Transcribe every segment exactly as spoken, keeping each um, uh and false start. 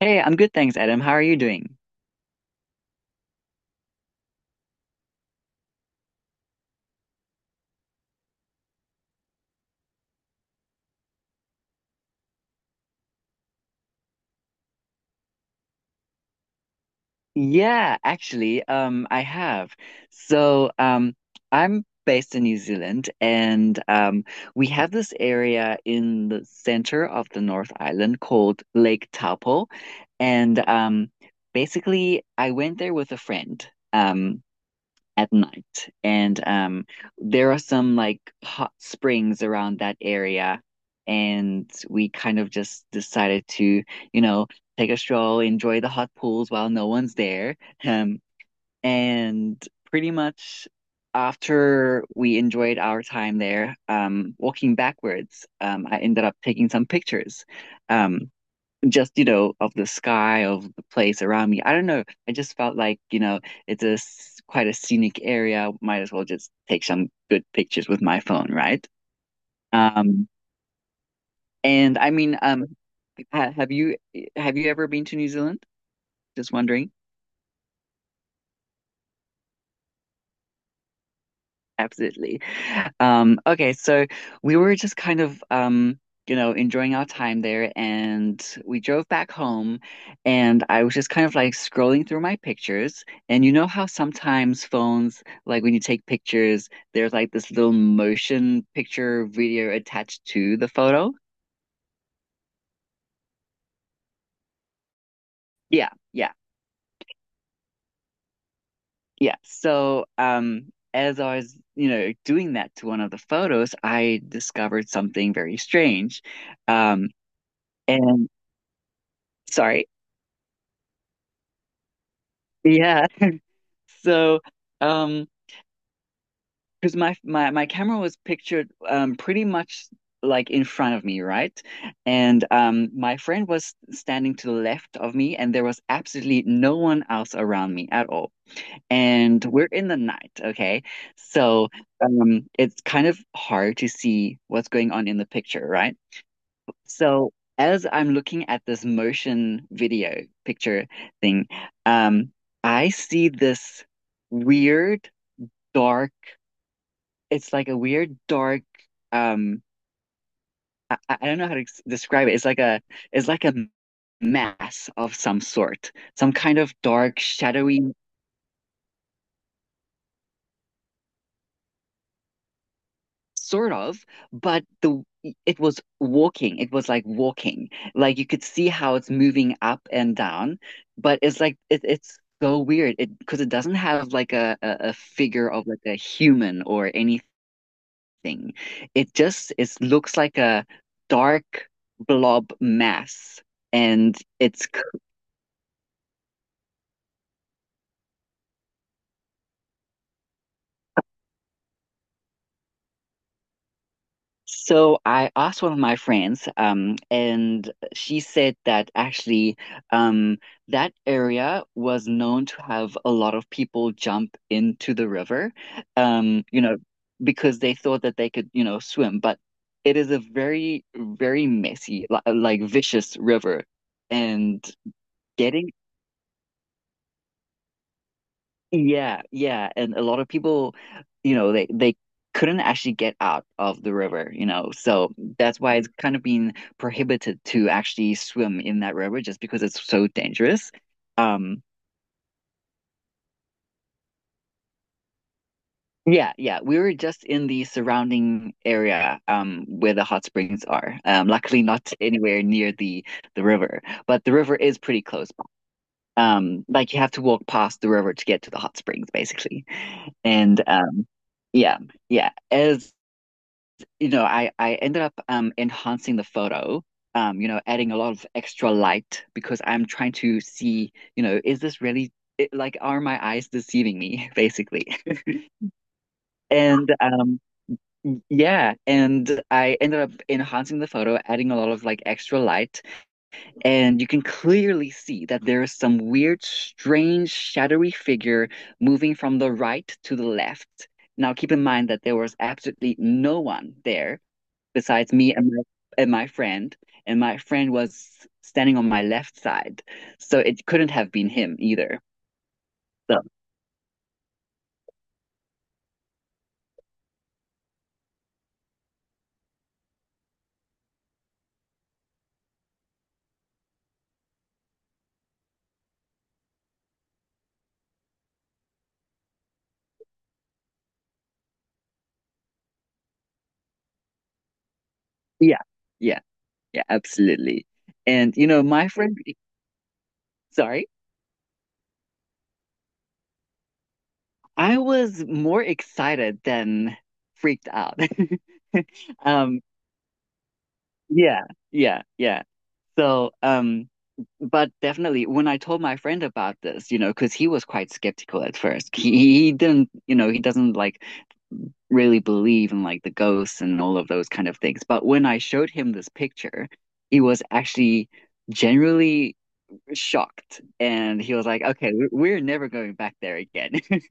Hey, I'm good, thanks, Adam. How are you doing? Yeah, actually, um, I have. So, um, I'm based in New Zealand, and um, we have this area in the center of the North Island called Lake Taupo, and um, basically, I went there with a friend. Um, at night. And um, there are some like hot springs around that area. And we kind of just decided to, you know, take a stroll, enjoy the hot pools while no one's there. Um, and pretty much after we enjoyed our time there, um, walking backwards, um, I ended up taking some pictures. Um, just, you know, of the sky, of the place around me. I don't know, I just felt like, you know, it's a s- quite a scenic area, might as well just take some good pictures with my phone, right? Um and i mean um ha have you have you ever been to New Zealand, just wondering? Absolutely. Um, okay, so we were just kind of um, you know, enjoying our time there, and we drove back home, and I was just kind of like scrolling through my pictures. And you know how sometimes phones, like when you take pictures, there's like this little motion picture video attached to the photo? Yeah, yeah, yeah. So, um as I was, you know, doing that to one of the photos, I discovered something very strange. Um and Sorry. Yeah. So, um, because my my my camera was pictured um pretty much like in front of me, right? And um my friend was standing to the left of me, and there was absolutely no one else around me at all. And we're in the night, okay? So, um it's kind of hard to see what's going on in the picture, right? So, as I'm looking at this motion video picture thing, um I see this weird dark. It's like a weird dark. Um, I, I don't know how to ex- describe it. It's like a it's like a mass of some sort, some kind of dark, shadowy sort of. But the it was walking. It was like walking. Like you could see how it's moving up and down. But it's like it, it's so weird. It because it doesn't have like a, a a figure of like a human or any, nothing. It just it looks like a dark blob mass, and it's so. I asked one of my friends, um, and she said that actually, um, that area was known to have a lot of people jump into the river, um, you know, because they thought that they could, you know, swim, but. It is a very, very messy, li- like vicious river. And getting, yeah, yeah, and a lot of people, you know, they they couldn't actually get out of the river, you know, so that's why it's kind of been prohibited to actually swim in that river just because it's so dangerous. Um, yeah, yeah, we were just in the surrounding area, um, where the hot springs are. Um, luckily not anywhere near the the river, but the river is pretty close by. Um, like you have to walk past the river to get to the hot springs, basically. And um Yeah, yeah. As you know, I I ended up um enhancing the photo, um, you know, adding a lot of extra light, because I'm trying to see, you know, is this really it, like, are my eyes deceiving me, basically? And um Yeah, and I ended up enhancing the photo, adding a lot of like extra light, and you can clearly see that there is some weird, strange, shadowy figure moving from the right to the left. Now, keep in mind that there was absolutely no one there besides me and my, and my friend, and my friend was standing on my left side, so it couldn't have been him either. So yeah, yeah, yeah, absolutely. And you know, my friend, sorry, I was more excited than freaked out. Um, yeah, yeah, yeah. So, um, but definitely when I told my friend about this, you know, because he was quite skeptical at first. He, he didn't, you know, he doesn't like really believe in like the ghosts and all of those kind of things. But when I showed him this picture, he was actually generally shocked. And he was like, okay, we- we're never going back there again.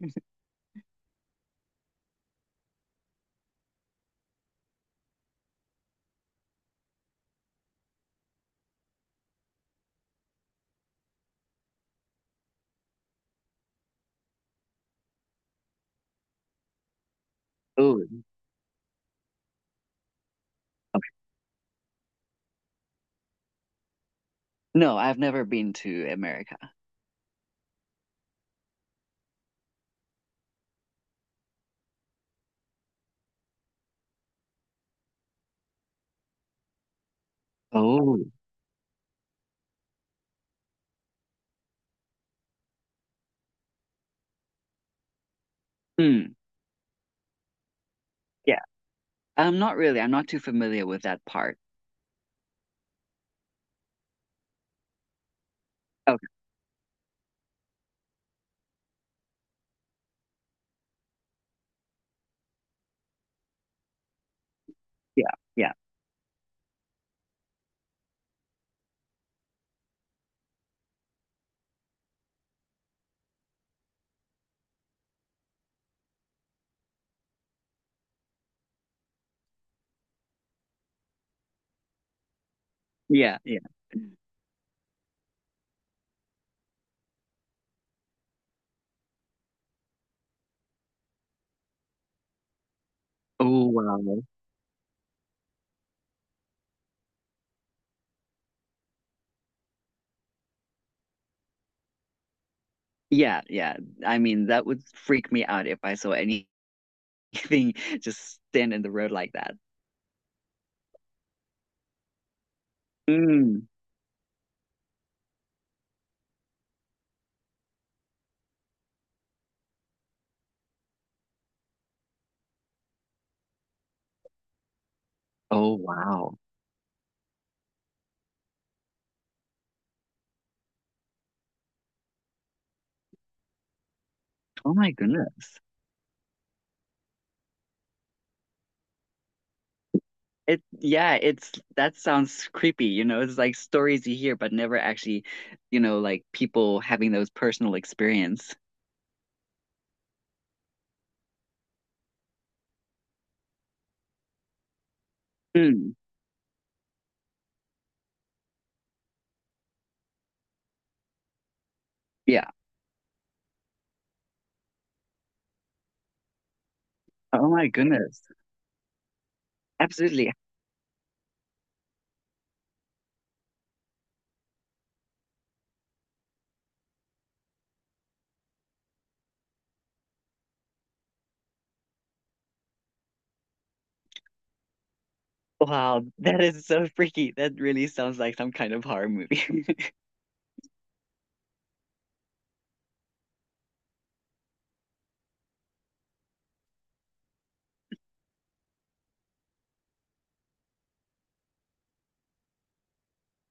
Oh, no, I've never been to America. Oh, mm, yeah. I'm not really, I'm not too familiar with that part. Okay, yeah, yeah, yeah, yeah. Oh, wow. Yeah, yeah. I mean, that would freak me out if I saw anything just stand in the road like that. Mm. Oh, wow. Oh my goodness. It Yeah, it's that sounds creepy, you know. It's like stories you hear but never actually, you know, like people having those personal experience. Mm, yeah. Oh my goodness. Absolutely. Wow, that is so freaky. That really sounds like some kind of horror movie.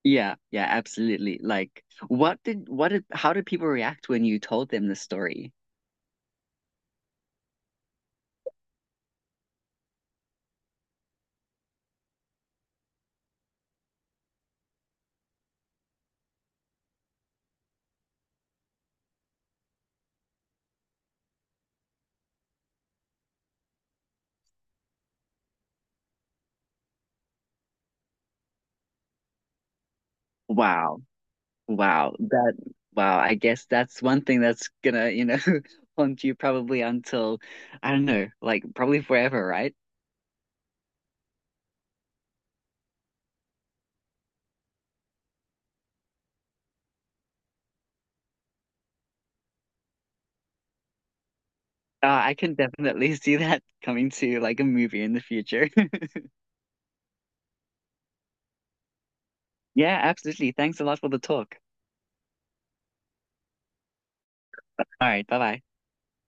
Yeah, yeah, absolutely. Like what did what did how did people react when you told them the story? Wow. Wow, that Wow, I guess that's one thing that's gonna, you know, haunt you probably until, I don't know, like probably forever, right? Uh, I can definitely see that coming to like a movie in the future. Yeah, absolutely. Thanks a lot for the talk. All right, bye bye.